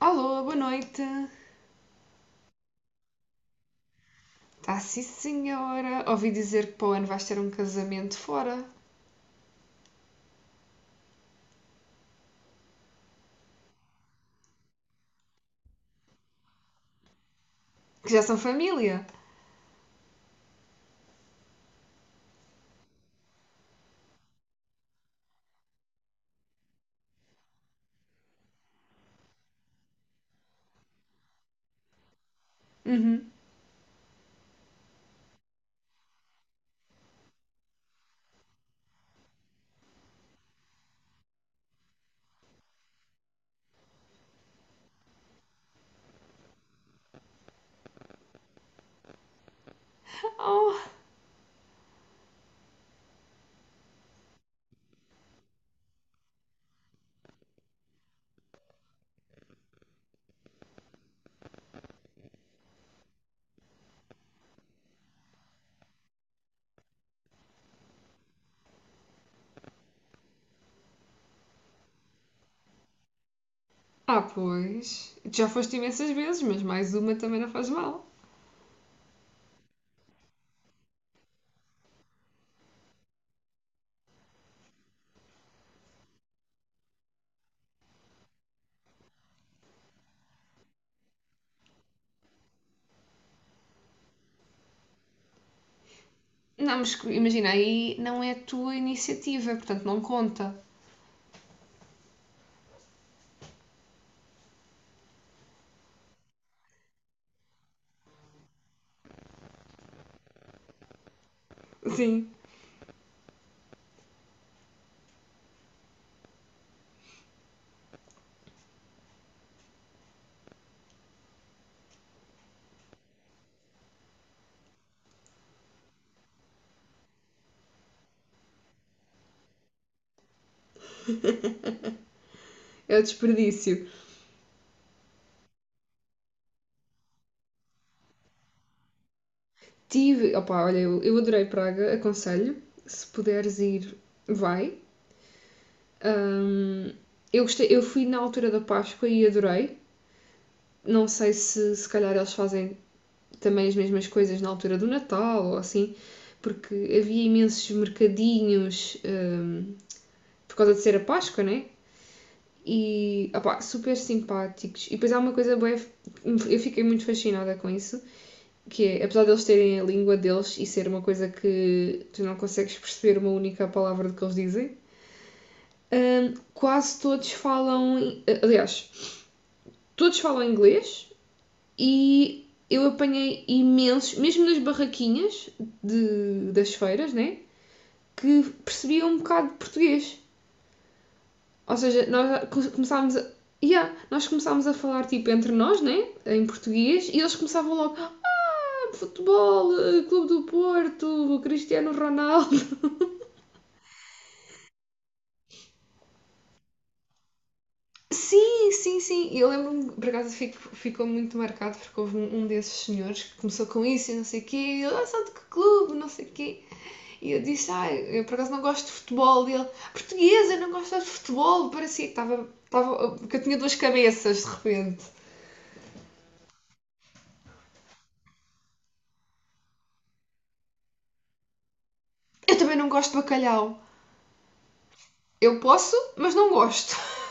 Alô, boa noite. Tá sim, senhora. Ouvi dizer que para o ano vais ter um casamento fora. Que já são família. Uhum. Oh. Ah, pois. Tu já foste imensas vezes, mas mais uma também não faz mal. Não, mas imagina, aí não é a tua iniciativa, portanto não conta. Sim, é desperdício. Tive. Opa, olha, eu adorei Praga, aconselho. Se puderes ir, vai. Ahm, eu gostei, eu fui na altura da Páscoa e adorei. Não sei se se calhar eles fazem também as mesmas coisas na altura do Natal ou assim, porque havia imensos mercadinhos por causa de ser a Páscoa, né? E opá, super simpáticos. E depois há uma coisa boa, eu fiquei muito fascinada com isso, que é, apesar de eles terem a língua deles e ser uma coisa que tu não consegues perceber uma única palavra do que eles dizem, quase todos falam. Aliás, todos falam inglês, e eu apanhei imensos, mesmo nas barraquinhas das feiras, né? Que percebiam um bocado de português. Ou seja, nós começámos a. Yeah, nós começámos a falar tipo entre nós, né? Em português, e eles começavam logo. Ah, futebol, eh, Clube do Porto, Cristiano Ronaldo. Sim, sim, sim. E eu lembro-me, por acaso ficou muito marcado porque houve um desses senhores que começou com isso e não sei o quê. E ele, ah, são de que clube, não sei o quê. E eu disse, ah, eu por acaso não gosto de futebol. E ele, portuguesa, eu não gosto de futebol. Parecia que estava, que eu tinha duas cabeças de repente. Eu também não gosto de bacalhau. Eu posso, mas não gosto.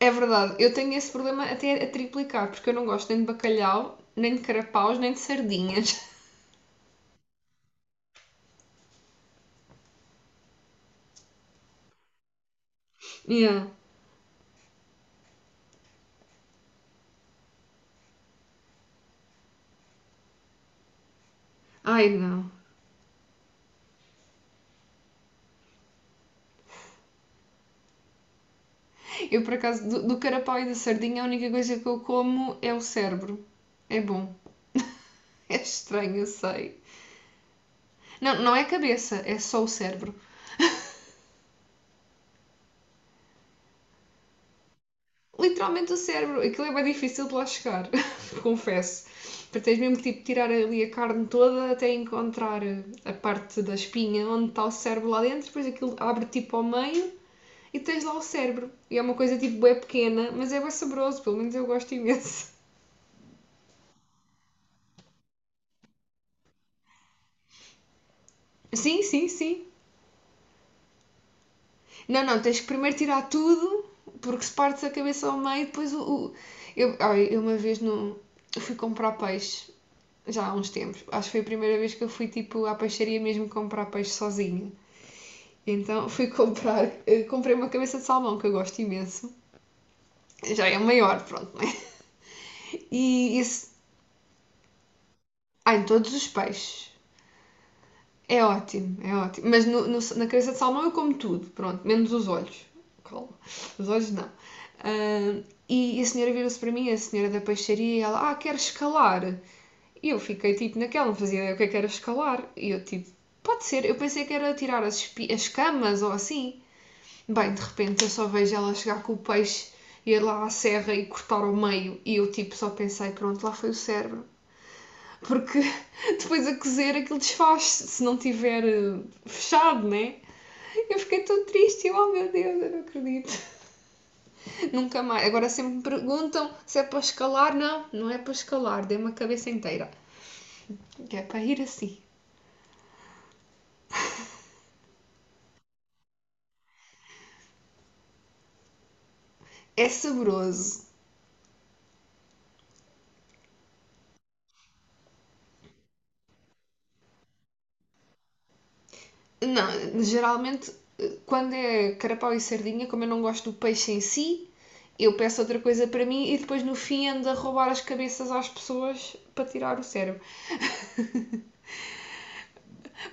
É verdade, eu tenho esse problema até a triplicar, porque eu não gosto nem de bacalhau, nem de carapaus, nem de sardinhas. Yeah. Ai, não. Eu por acaso, do carapau e da sardinha, a única coisa que eu como é o cérebro. É bom. É estranho, eu sei. Não, não é cabeça, é só o cérebro. Literalmente o cérebro. Aquilo é bem difícil de lá chegar, confesso. Porque tens mesmo que tipo, tirar ali a carne toda até encontrar a parte da espinha onde está o cérebro lá dentro, depois aquilo abre tipo ao meio e tens lá o cérebro. E é uma coisa tipo bem pequena, mas é bem saboroso, pelo menos eu gosto imenso. Sim, sim, sim. Não, não, tens que primeiro tirar tudo, porque se partes a cabeça ao meio, depois o. o- eu uma vez no, fui comprar peixe já há uns tempos. Acho que foi a primeira vez que eu fui tipo à peixaria mesmo comprar peixe sozinha. Então fui comprei uma cabeça de salmão que eu gosto imenso. Já é maior, pronto, né? E isso, ah, em todos os peixes. É ótimo, é ótimo. Mas na cabeça de salmão eu como tudo, pronto, menos os olhos. Calma, os olhos não. Ah, e a senhora virou-se para mim, a senhora da peixaria, e ela, ah, quer escalar? E eu fiquei tipo naquela, não fazia ideia o que é que era escalar. E eu tipo, pode ser, eu pensei que era tirar as camas ou assim. Bem, de repente eu só vejo ela chegar com o peixe, ir lá à serra e cortar ao meio. E eu tipo só pensei, pronto, lá foi o cérebro. Porque depois a cozer aquilo desfaz se não tiver fechado, né? Eu fiquei tão triste, oh meu Deus, eu não acredito. Nunca mais. Agora sempre me perguntam se é para escalar. Não, não é para escalar, dei uma cabeça inteira. Que é para ir assim. É saboroso. Não, geralmente quando é carapau e sardinha, como eu não gosto do peixe em si, eu peço outra coisa para mim e depois no fim ando a roubar as cabeças às pessoas para tirar o cérebro.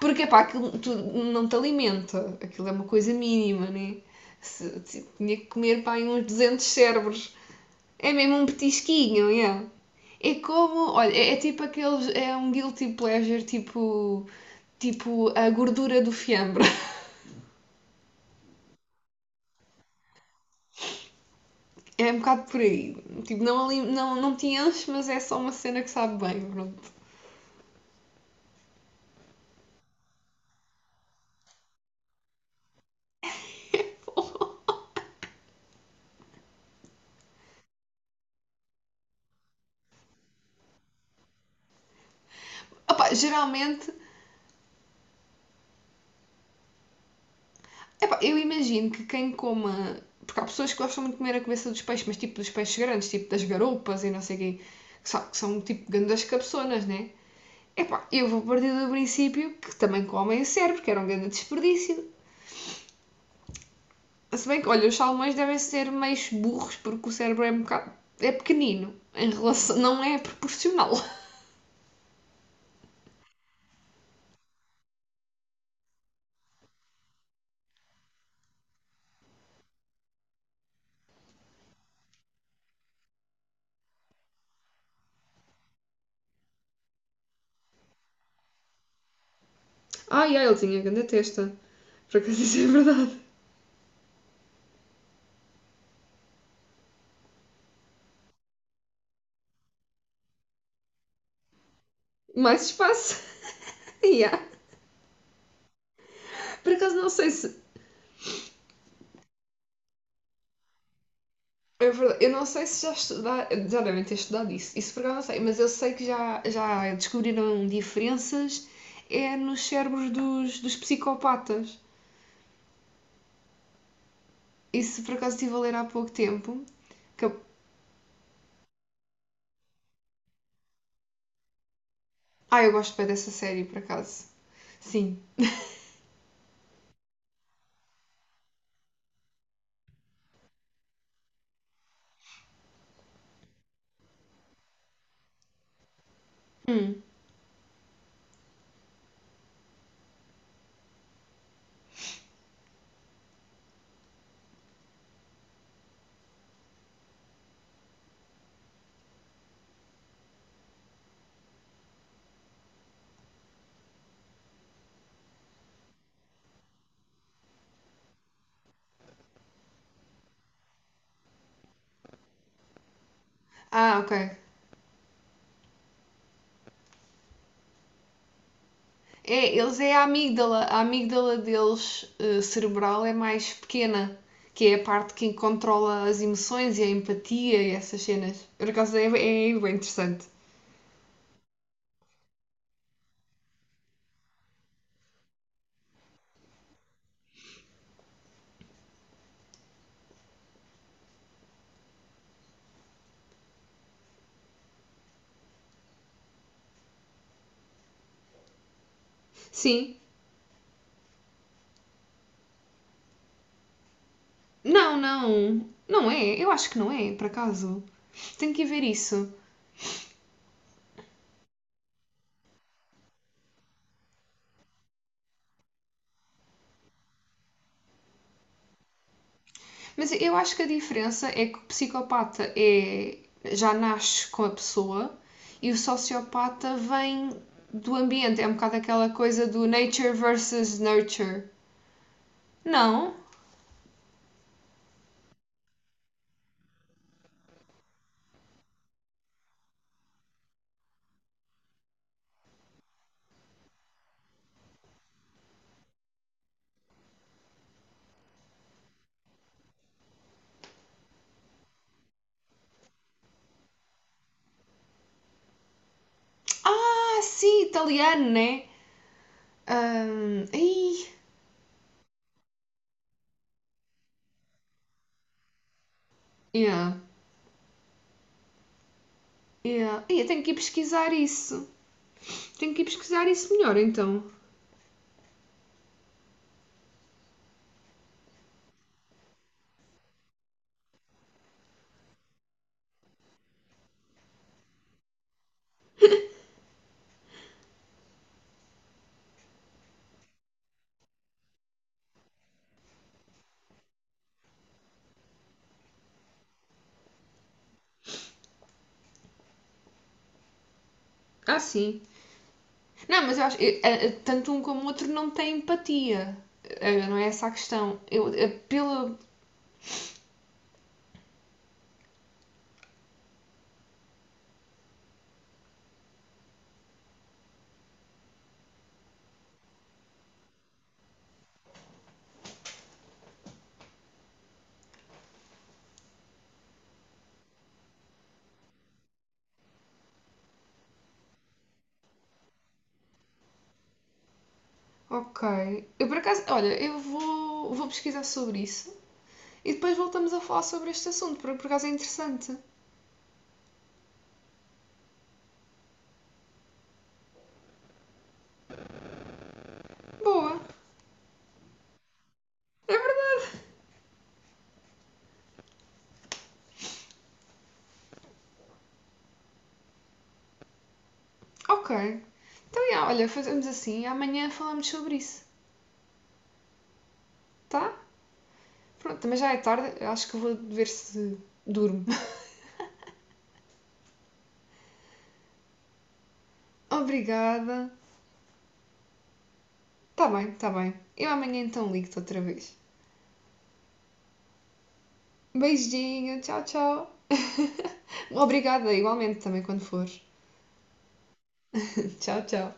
Porque pá, aquilo tu, não te alimenta, aquilo é uma coisa mínima, né? Se, tinha que comer pá, uns 200 cérebros. É mesmo um petisquinho, é? Yeah. É como, olha, é tipo aqueles, é um guilty pleasure, tipo a gordura do fiambre. É um bocado por aí. Tipo, não, não, não te enche, mas é só uma cena que sabe bem. Pronto. Opa, geralmente, epá, eu imagino que quem coma. Porque há pessoas que gostam muito de comer a cabeça dos peixes, mas tipo dos peixes grandes, tipo das garoupas e não sei o quê, que são tipo grandes cabeçonas, né? Epá, eu vou partir do princípio que também comem o cérebro, que era um grande desperdício. Se bem que, olha, os salmões devem ser meio burros, porque o cérebro é um bocado. É pequenino, em relação. Não é proporcional. Ai, ai, ele tinha grande testa. Por acaso isso é verdade. Mais espaço. yeah. Por acaso não sei se. É verdade. Eu não sei se já devem ter estudado isso. Isso por acaso não sei, mas eu sei que já descobriram diferenças é nos cérebros dos psicopatas. Isso por acaso estive a ler há pouco tempo. Que eu- Ah, eu gosto bem dessa série, por acaso. Sim. Hum. Ah, ok. É, eles é a amígdala. A amígdala deles, cerebral, é mais pequena, que é a parte que controla as emoções e a empatia e essas cenas. Por acaso é bem interessante. Sim. Não, não. Não é. Eu acho que não é, por acaso. Tenho que ver isso. Mas eu acho que a diferença é que o psicopata já nasce com a pessoa e o sociopata vem do ambiente. É um bocado aquela coisa do nature versus nurture. Não? Ah, sim, italiano, né? Ai, yeah, yeah. Eu tenho que ir pesquisar isso. Tenho que ir pesquisar isso melhor, então. Ah, sim. Não, mas eu acho. Tanto um como o outro não têm empatia. Não é essa a questão. Eu, pela. Ok. Eu por acaso. Olha, eu vou pesquisar sobre isso. E depois voltamos a falar sobre este assunto, porque por acaso é interessante. Boa. Ok. Então, yeah, olha, fazemos assim. Amanhã falamos sobre isso, tá? Pronto, também já é tarde, eu acho que vou ver se durmo. Obrigada. Tá bem, tá bem. Eu amanhã então ligo-te outra vez. Beijinho, tchau, tchau. Obrigada, igualmente também quando fores. Tchau, tchau.